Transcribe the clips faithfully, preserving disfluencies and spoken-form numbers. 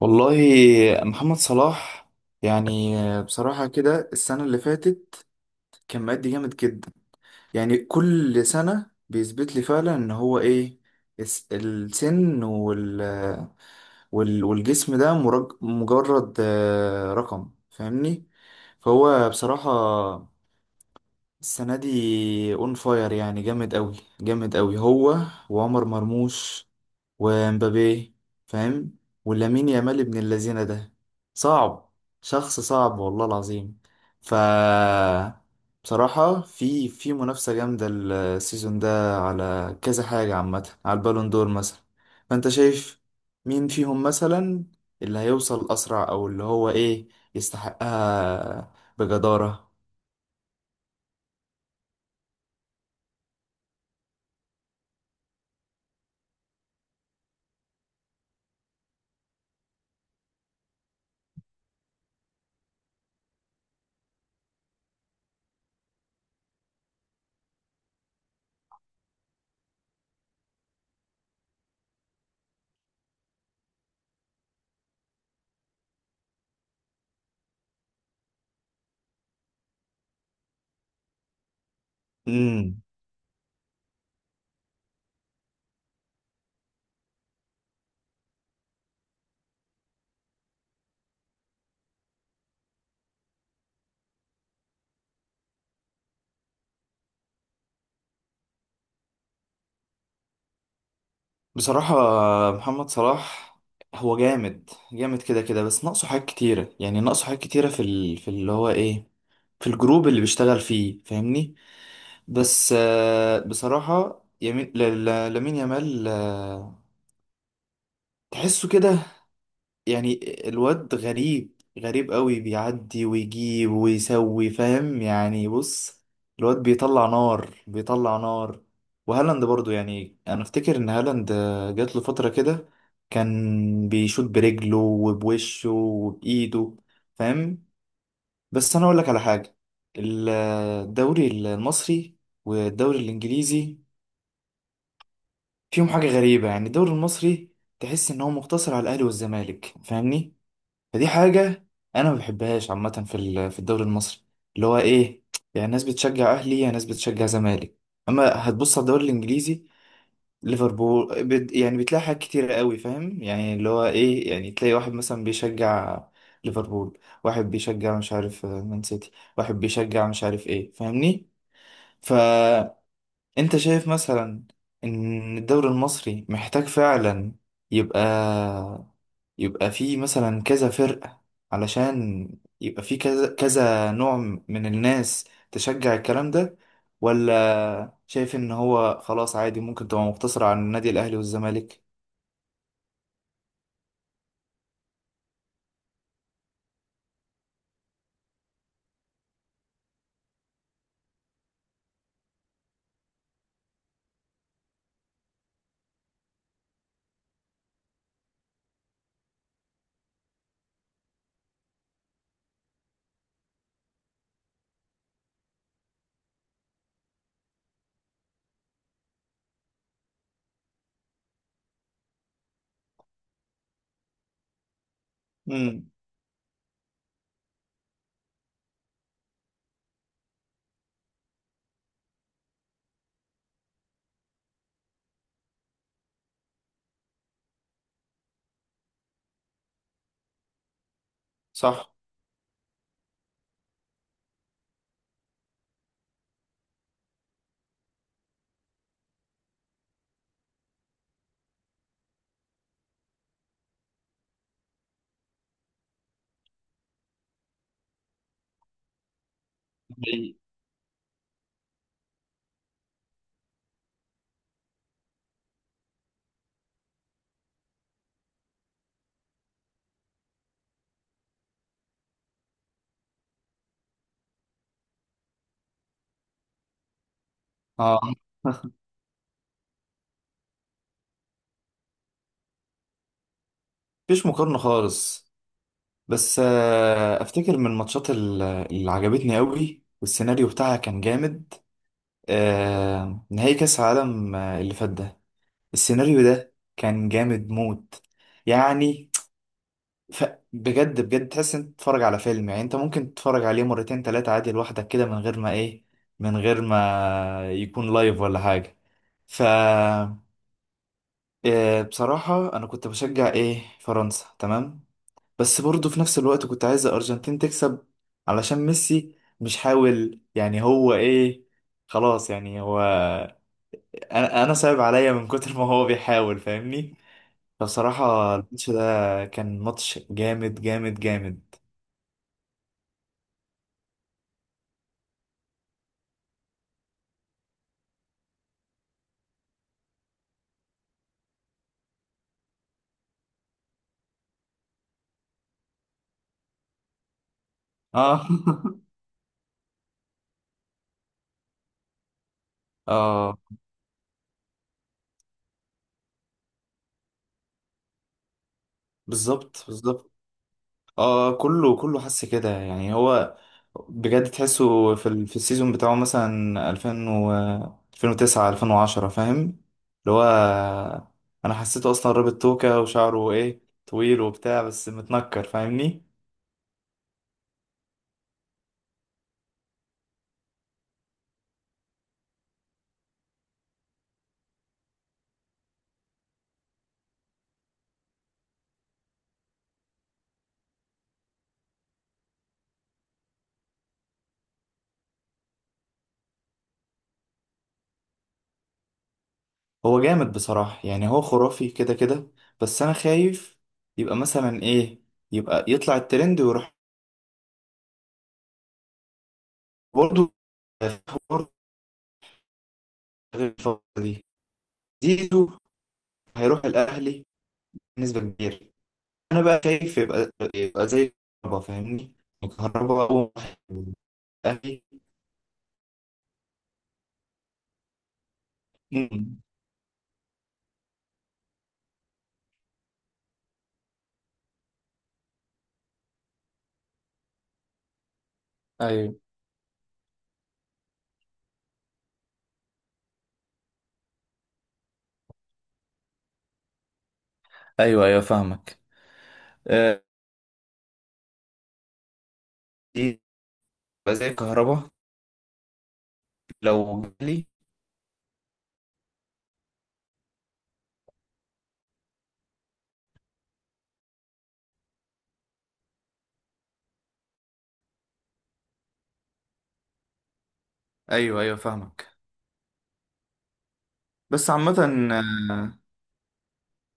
والله. محمد صلاح، يعني بصراحة كده السنة اللي فاتت كان مأدي جامد جدا. يعني كل سنة بيثبت لي فعلا ان هو ايه، الس- السن وال وال- والجسم ده مرج- مجرد آه، رقم، فاهمني؟ فهو بصراحة السنة دي اون فاير، يعني جامد قوي جامد قوي هو، وعمر مرموش، ومبابي، فاهم؟ ولامين يامال ابن اللذينة ده صعب، شخص صعب والله العظيم. ف بصراحة في في منافسة جامدة السيزون ده على كذا حاجة، عامة على البالون دور مثلا. فانت شايف مين فيهم مثلا اللي هيوصل أسرع، أو اللي هو إيه، يستحقها بجدارة؟ بصراحة محمد صلاح هو جامد جامد كده كده، بس ناقصه حاجات كتيرة. يعني ناقصه حاجات كتيرة في ال... في اللي هو ايه، في الجروب اللي بيشتغل فيه، فاهمني؟ بس آه، بصراحة يمين ل... ل... لامين يامال، آه، تحسه كده، يعني الواد غريب غريب قوي، بيعدي ويجيب ويسوي، فاهم يعني؟ بص، الواد بيطلع نار بيطلع نار. وهالاند برضو، يعني انا افتكر ان هالاند جات له فترة كده كان بيشوط برجله وبوشه وبايده، فاهم؟ بس انا اقول لك على حاجة. الدوري المصري والدوري الانجليزي فيهم حاجة غريبة. يعني الدوري المصري تحس ان هو مقتصر على الاهلي والزمالك، فاهمني؟ فدي حاجة أنا ما بحبهاش عامة في ال- في الدوري المصري، اللي هو إيه، يعني ناس بتشجع أهلي، يعني ناس بتشجع زمالك. أما هتبص على الدوري الإنجليزي، ليفربول، بت- يعني بتلاقي حاجات كتيرة قوي، فاهم يعني؟ اللي هو إيه، يعني تلاقي واحد مثلا بيشجع ليفربول، واحد بيشجع مش عارف آه، مان سيتي، واحد بيشجع مش عارف إيه، فاهمني؟ فأنت شايف مثلا إن الدوري المصري محتاج فعلا يبقى يبقى في مثلا كذا فرقة، علشان يبقى في كذا كذا نوع من الناس تشجع الكلام ده؟ ولا شايف ان هو خلاص عادي ممكن تبقى مقتصرة على النادي الاهلي والزمالك؟ امم. صح. حقيقي. اه. مفيش مقارنة خالص. بس آه، افتكر من الماتشات ال- اللي عجبتني قوي، والسيناريو بتاعها كان جامد، آه، نهائي كاس العالم آه، اللي فات ده. السيناريو ده كان جامد موت. يعني ف... بجد بجد تحس انت بتتفرج على فيلم. يعني انت ممكن تتفرج عليه مرتين تلاتة عادي لوحدك كده من غير ما ايه، من غير ما يكون لايف ولا حاجة. ف آه، بصراحة انا كنت بشجع ايه، فرنسا، تمام. بس برضه في نفس الوقت كنت عايز الارجنتين تكسب، علشان ميسي مش حاول، يعني هو ايه، خلاص، يعني هو انا انا صعب عليا من كتر ما هو بيحاول، فاهمني؟ فبصراحة الماتش ده كان ماتش جامد جامد جامد. اه. اه، بالظبط بالظبط. اه، كله كله حس كده، يعني هو بجد تحسه في ال... في السيزون بتاعه مثلا ألفين و ألفين وتسعة ألفين وعشرة، فاهم؟ اللي هو انا حسيته اصلا رابط توكة وشعره ايه طويل وبتاع، بس متنكر، فاهمني؟ هو جامد بصراحة، يعني هو خرافي كده كده. بس انا خايف يبقى مثلا ايه، يبقى يطلع الترند ويروح. برضه برضه، غير الفترة دي زيزو هيروح الاهلي بنسبة كبيرة. أنا بقى شايف يبقى يبقى زي الكهرباء، فاهمني؟ الكهرباء أول واحد. أهلي. مم. ايوه ايوه ايوه، فاهمك. آه، دي تبقى زي الكهرباء لو جالي. ايوه ايوه، فاهمك. بس عامة آه،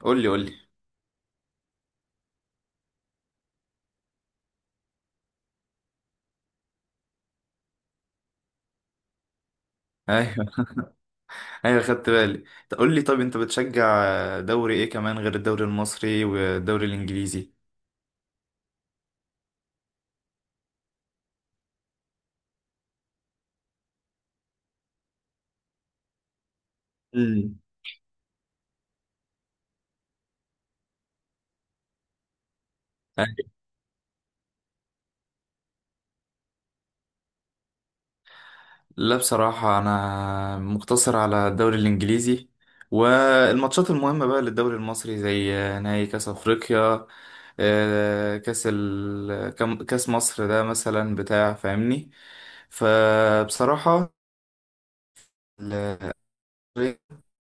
قول لي قول لي. ايوه ايوه، خدت بالي. طب قول لي، طب انت بتشجع دوري ايه كمان غير الدوري المصري والدوري الانجليزي؟ مم. لا بصراحة أنا مقتصر على الدوري الإنجليزي، والماتشات المهمة بقى للدوري المصري زي نهائي كأس أفريقيا، آه، كأس ال... كم- كأس مصر ده مثلا بتاع، فاهمني؟ فبصراحة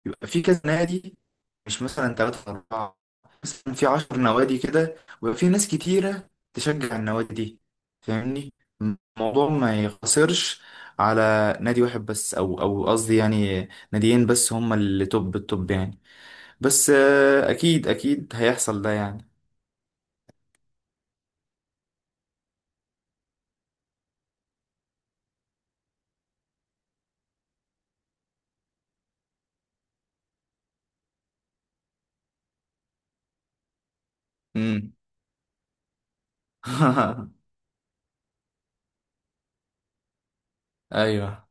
يبقى في كذا نادي، مش مثلا ثلاثة أربعة، مثلا في عشر نوادي كده، ويبقى في ناس كتيرة تشجع النوادي دي، فاهمني؟ الموضوع ما يقتصرش على نادي واحد بس، أو أو قصدي يعني ناديين بس هما اللي توب التوب، يعني بس آه، أكيد أكيد هيحصل ده يعني. امم. أيوه.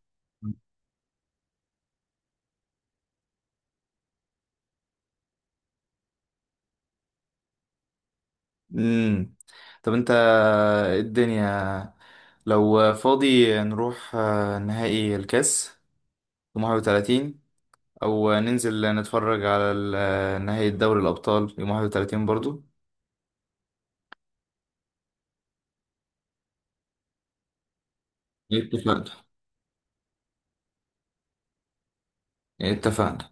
امم. طب أنت إيه الدنيا، لو فاضي نروح آه، نهائي الكاس في الحادي والثلاثين، او ننزل نتفرج على ال- نهائي دوري الابطال يوم واحد وتلاتين برضو؟ اتفقنا اتفقنا.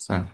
سلام.